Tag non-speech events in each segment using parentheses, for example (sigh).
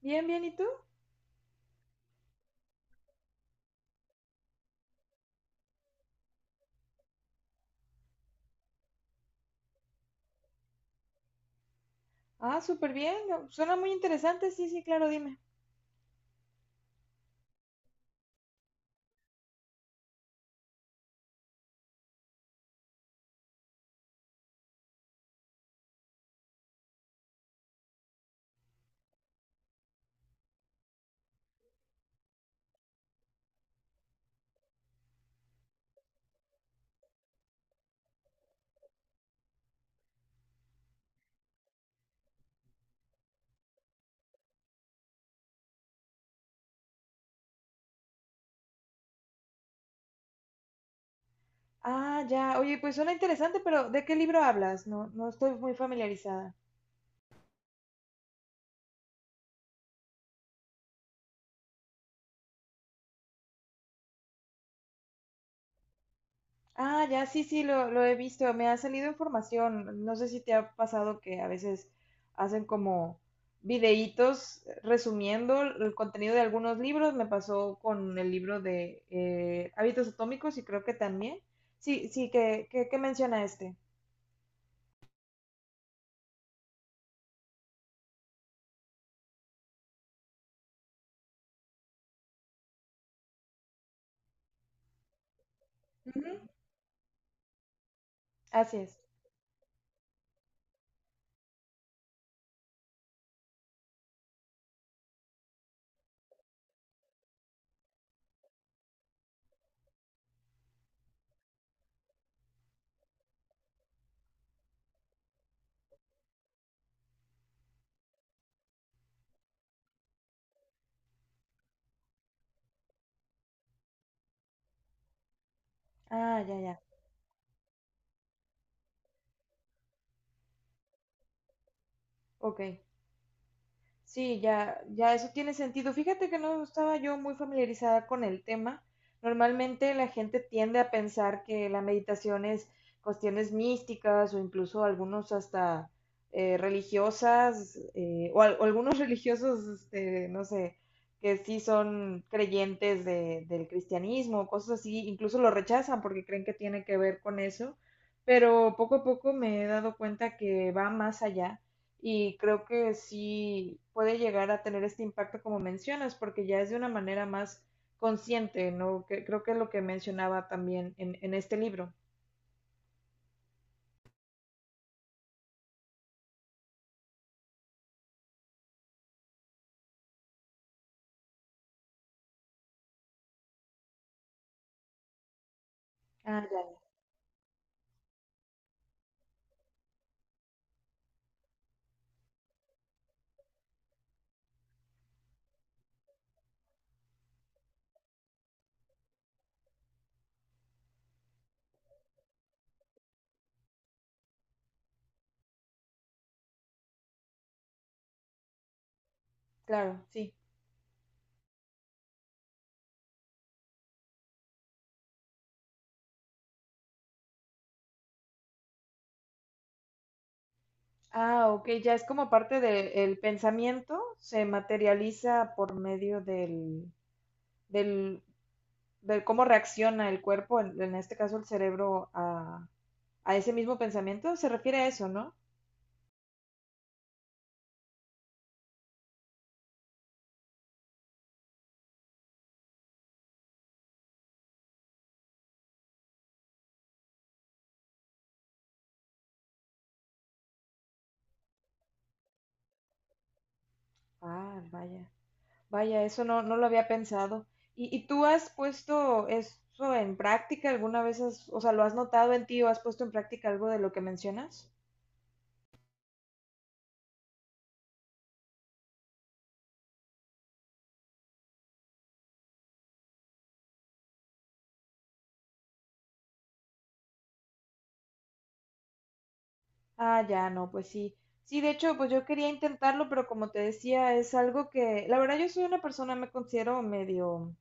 Bien, bien, ¿y tú? Ah, súper bien. No, suena muy interesante, sí, sí, claro, dime. Ah, ya, oye, pues suena interesante, pero ¿de qué libro hablas? No, no estoy muy familiarizada. Ah, ya, sí, sí, lo he visto, me ha salido información. No sé si te ha pasado que a veces hacen como videítos resumiendo el contenido de algunos libros. Me pasó con el libro de Hábitos Atómicos y creo que también. Sí, sí, que menciona este. Ujú. Así es. Ah, ya, ya. Ok. Sí, ya, ya eso tiene sentido. Fíjate que no estaba yo muy familiarizada con el tema. Normalmente la gente tiende a pensar que la meditación es cuestiones místicas o incluso algunos hasta religiosas o, o algunos (laughs) religiosos, este, no sé, que sí son creyentes del cristianismo, o cosas así, incluso lo rechazan porque creen que tiene que ver con eso. Pero poco a poco me he dado cuenta que va más allá y creo que sí puede llegar a tener este impacto como mencionas, porque ya es de una manera más consciente, ¿no? Que, creo que es lo que mencionaba también en este libro. Ah, ya, ya. Claro, sí. Ah, ok, ya es como parte del pensamiento, se materializa por medio del, del cómo reacciona el cuerpo, en este caso el cerebro, a ese mismo pensamiento. Se refiere a eso, ¿no? Ah, vaya. Vaya, eso no, no lo había pensado. Y tú has puesto eso en práctica alguna vez? O sea, ¿lo has notado en ti o has puesto en práctica algo de lo que mencionas? Ah, ya, no, pues sí. Sí, de hecho, pues yo quería intentarlo, pero como te decía, es algo que, la verdad, yo soy una persona, me considero medio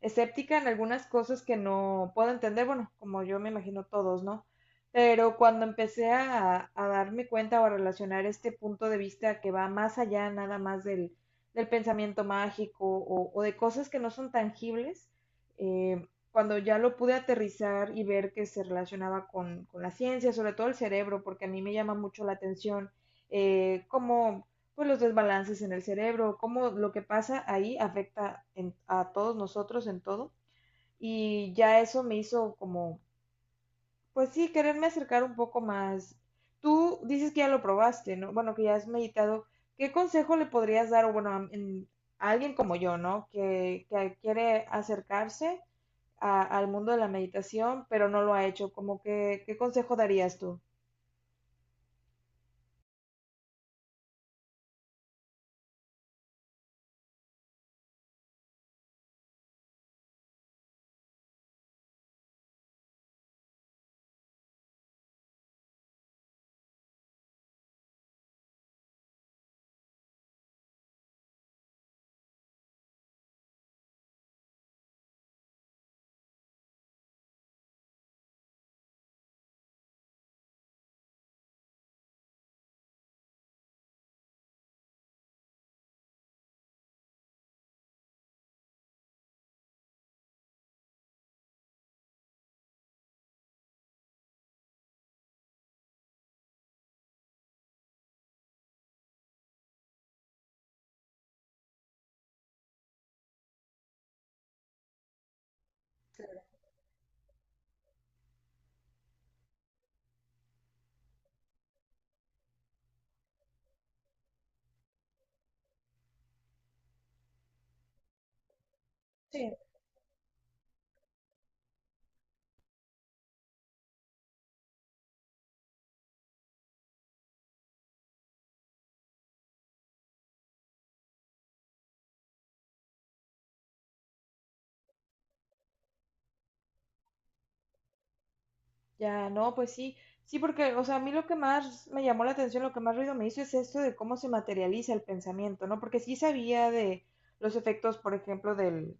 escéptica en algunas cosas que no puedo entender, bueno, como yo me imagino todos, ¿no? Pero cuando empecé a darme cuenta o a relacionar este punto de vista que va más allá nada más del pensamiento mágico o de cosas que no son tangibles, eh, cuando ya lo pude aterrizar y ver que se relacionaba con la ciencia, sobre todo el cerebro, porque a mí me llama mucho la atención cómo pues, los desbalances en el cerebro, cómo lo que pasa ahí afecta a todos nosotros en todo. Y ya eso me hizo como, pues sí, quererme acercar un poco más. Tú dices que ya lo probaste, ¿no? Bueno, que ya has meditado. ¿Qué consejo le podrías dar, o bueno, a alguien como yo, ¿no? Que quiere acercarse al mundo de la meditación, pero no lo ha hecho. Como que, ¿qué consejo darías tú? Sí. Ya, no, pues sí, sí, porque, o sea, a mí lo que más me llamó la atención, lo que más ruido me hizo es esto de cómo se materializa el pensamiento, ¿no? Porque sí sabía de los efectos, por ejemplo,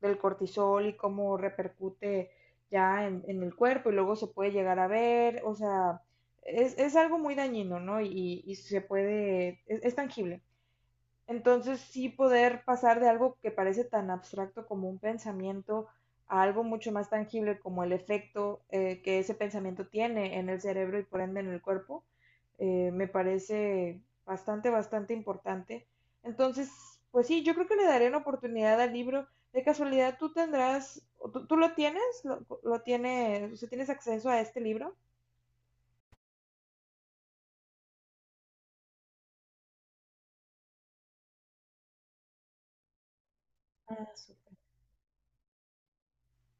del cortisol y cómo repercute ya en el cuerpo y luego se puede llegar a ver, o sea, es algo muy dañino, ¿no? Y se puede, es tangible. Entonces sí poder pasar de algo que parece tan abstracto como un pensamiento a algo mucho más tangible como el efecto que ese pensamiento tiene en el cerebro y por ende en el cuerpo, me parece bastante, bastante importante. Entonces, pues sí, yo creo que le daré una oportunidad al libro. De casualidad, tú tendrás, tú lo tienes, lo tienes, o sea, tienes acceso a este libro?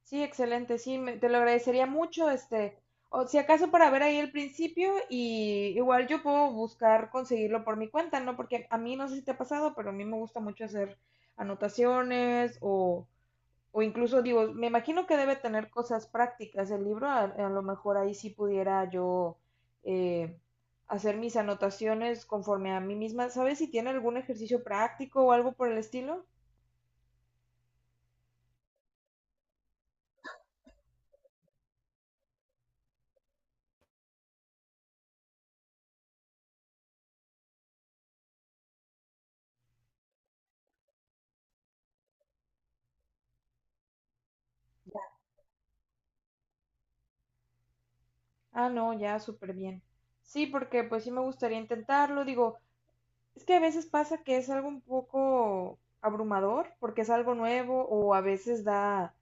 Sí, excelente, sí, te lo agradecería mucho, este, o si acaso para ver ahí el principio y igual yo puedo buscar conseguirlo por mi cuenta, ¿no? Porque a mí no sé si te ha pasado, pero a mí me gusta mucho hacer anotaciones o incluso digo, me imagino que debe tener cosas prácticas el libro, a lo mejor ahí sí pudiera yo eh, hacer mis anotaciones conforme a mí misma, ¿sabes si tiene algún ejercicio práctico o algo por el estilo? Ah, no, ya súper bien. Sí, porque pues sí me gustaría intentarlo. Digo, es que a veces pasa que es algo un poco abrumador porque es algo nuevo o a veces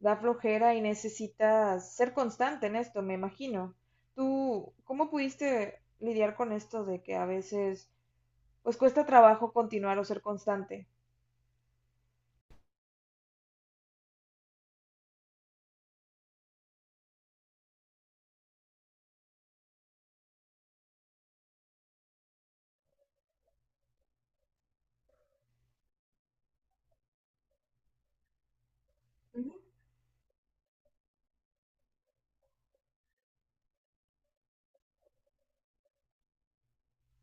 da flojera y necesitas ser constante en esto, me imagino. ¿Tú cómo pudiste lidiar con esto de que a veces pues cuesta trabajo continuar o ser constante? Ujú.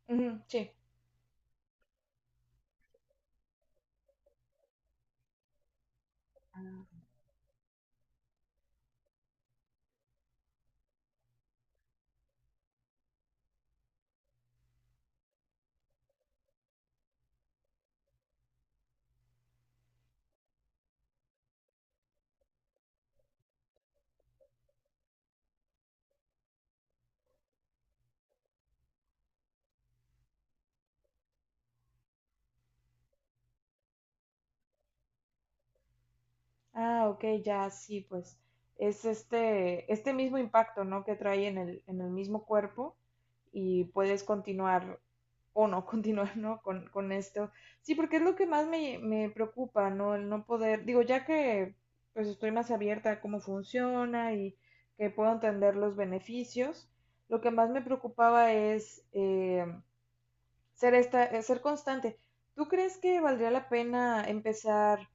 Ujú, sí. Ah, ok, ya, sí, pues es este, este mismo impacto, ¿no? Que trae en el mismo cuerpo y puedes continuar o no (laughs) continuar, ¿no? Con esto. Sí, porque es lo que más me preocupa, ¿no? El no poder, digo, ya que pues estoy más abierta a cómo funciona y que puedo entender los beneficios, lo que más me preocupaba es... ser esta, ser constante. ¿Tú crees que valdría la pena empezar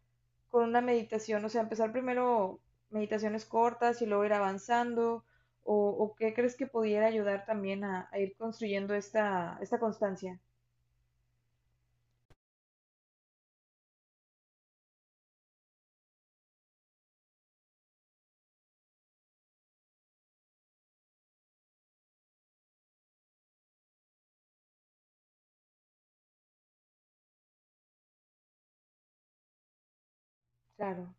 con una meditación? O sea, empezar primero meditaciones cortas y luego ir avanzando. O qué crees que pudiera ayudar también a ir construyendo esta, esta constancia? Claro.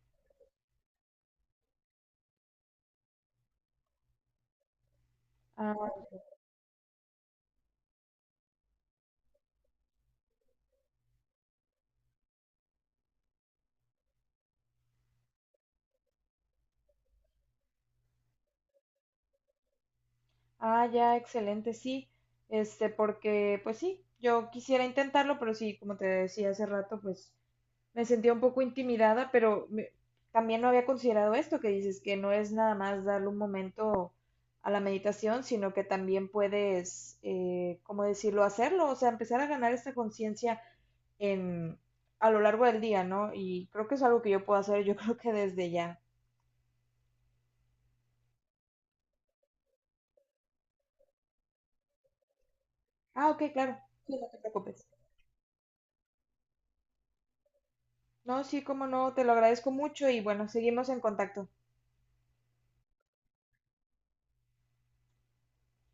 Ah, ah, ya, excelente, sí. Este, porque, pues sí, yo quisiera intentarlo, pero sí, como te decía hace rato, pues me sentía un poco intimidada, pero también no había considerado esto que dices, que no es nada más darle un momento a la meditación, sino que también puedes, ¿cómo decirlo?, hacerlo, o sea, empezar a ganar esta conciencia en, a lo largo del día, ¿no? Y creo que es algo que yo puedo hacer, yo (laughs) creo que desde ya. Ah, ok, claro. Sí, no te preocupes. No, sí, cómo no, te lo agradezco mucho y bueno, seguimos en contacto.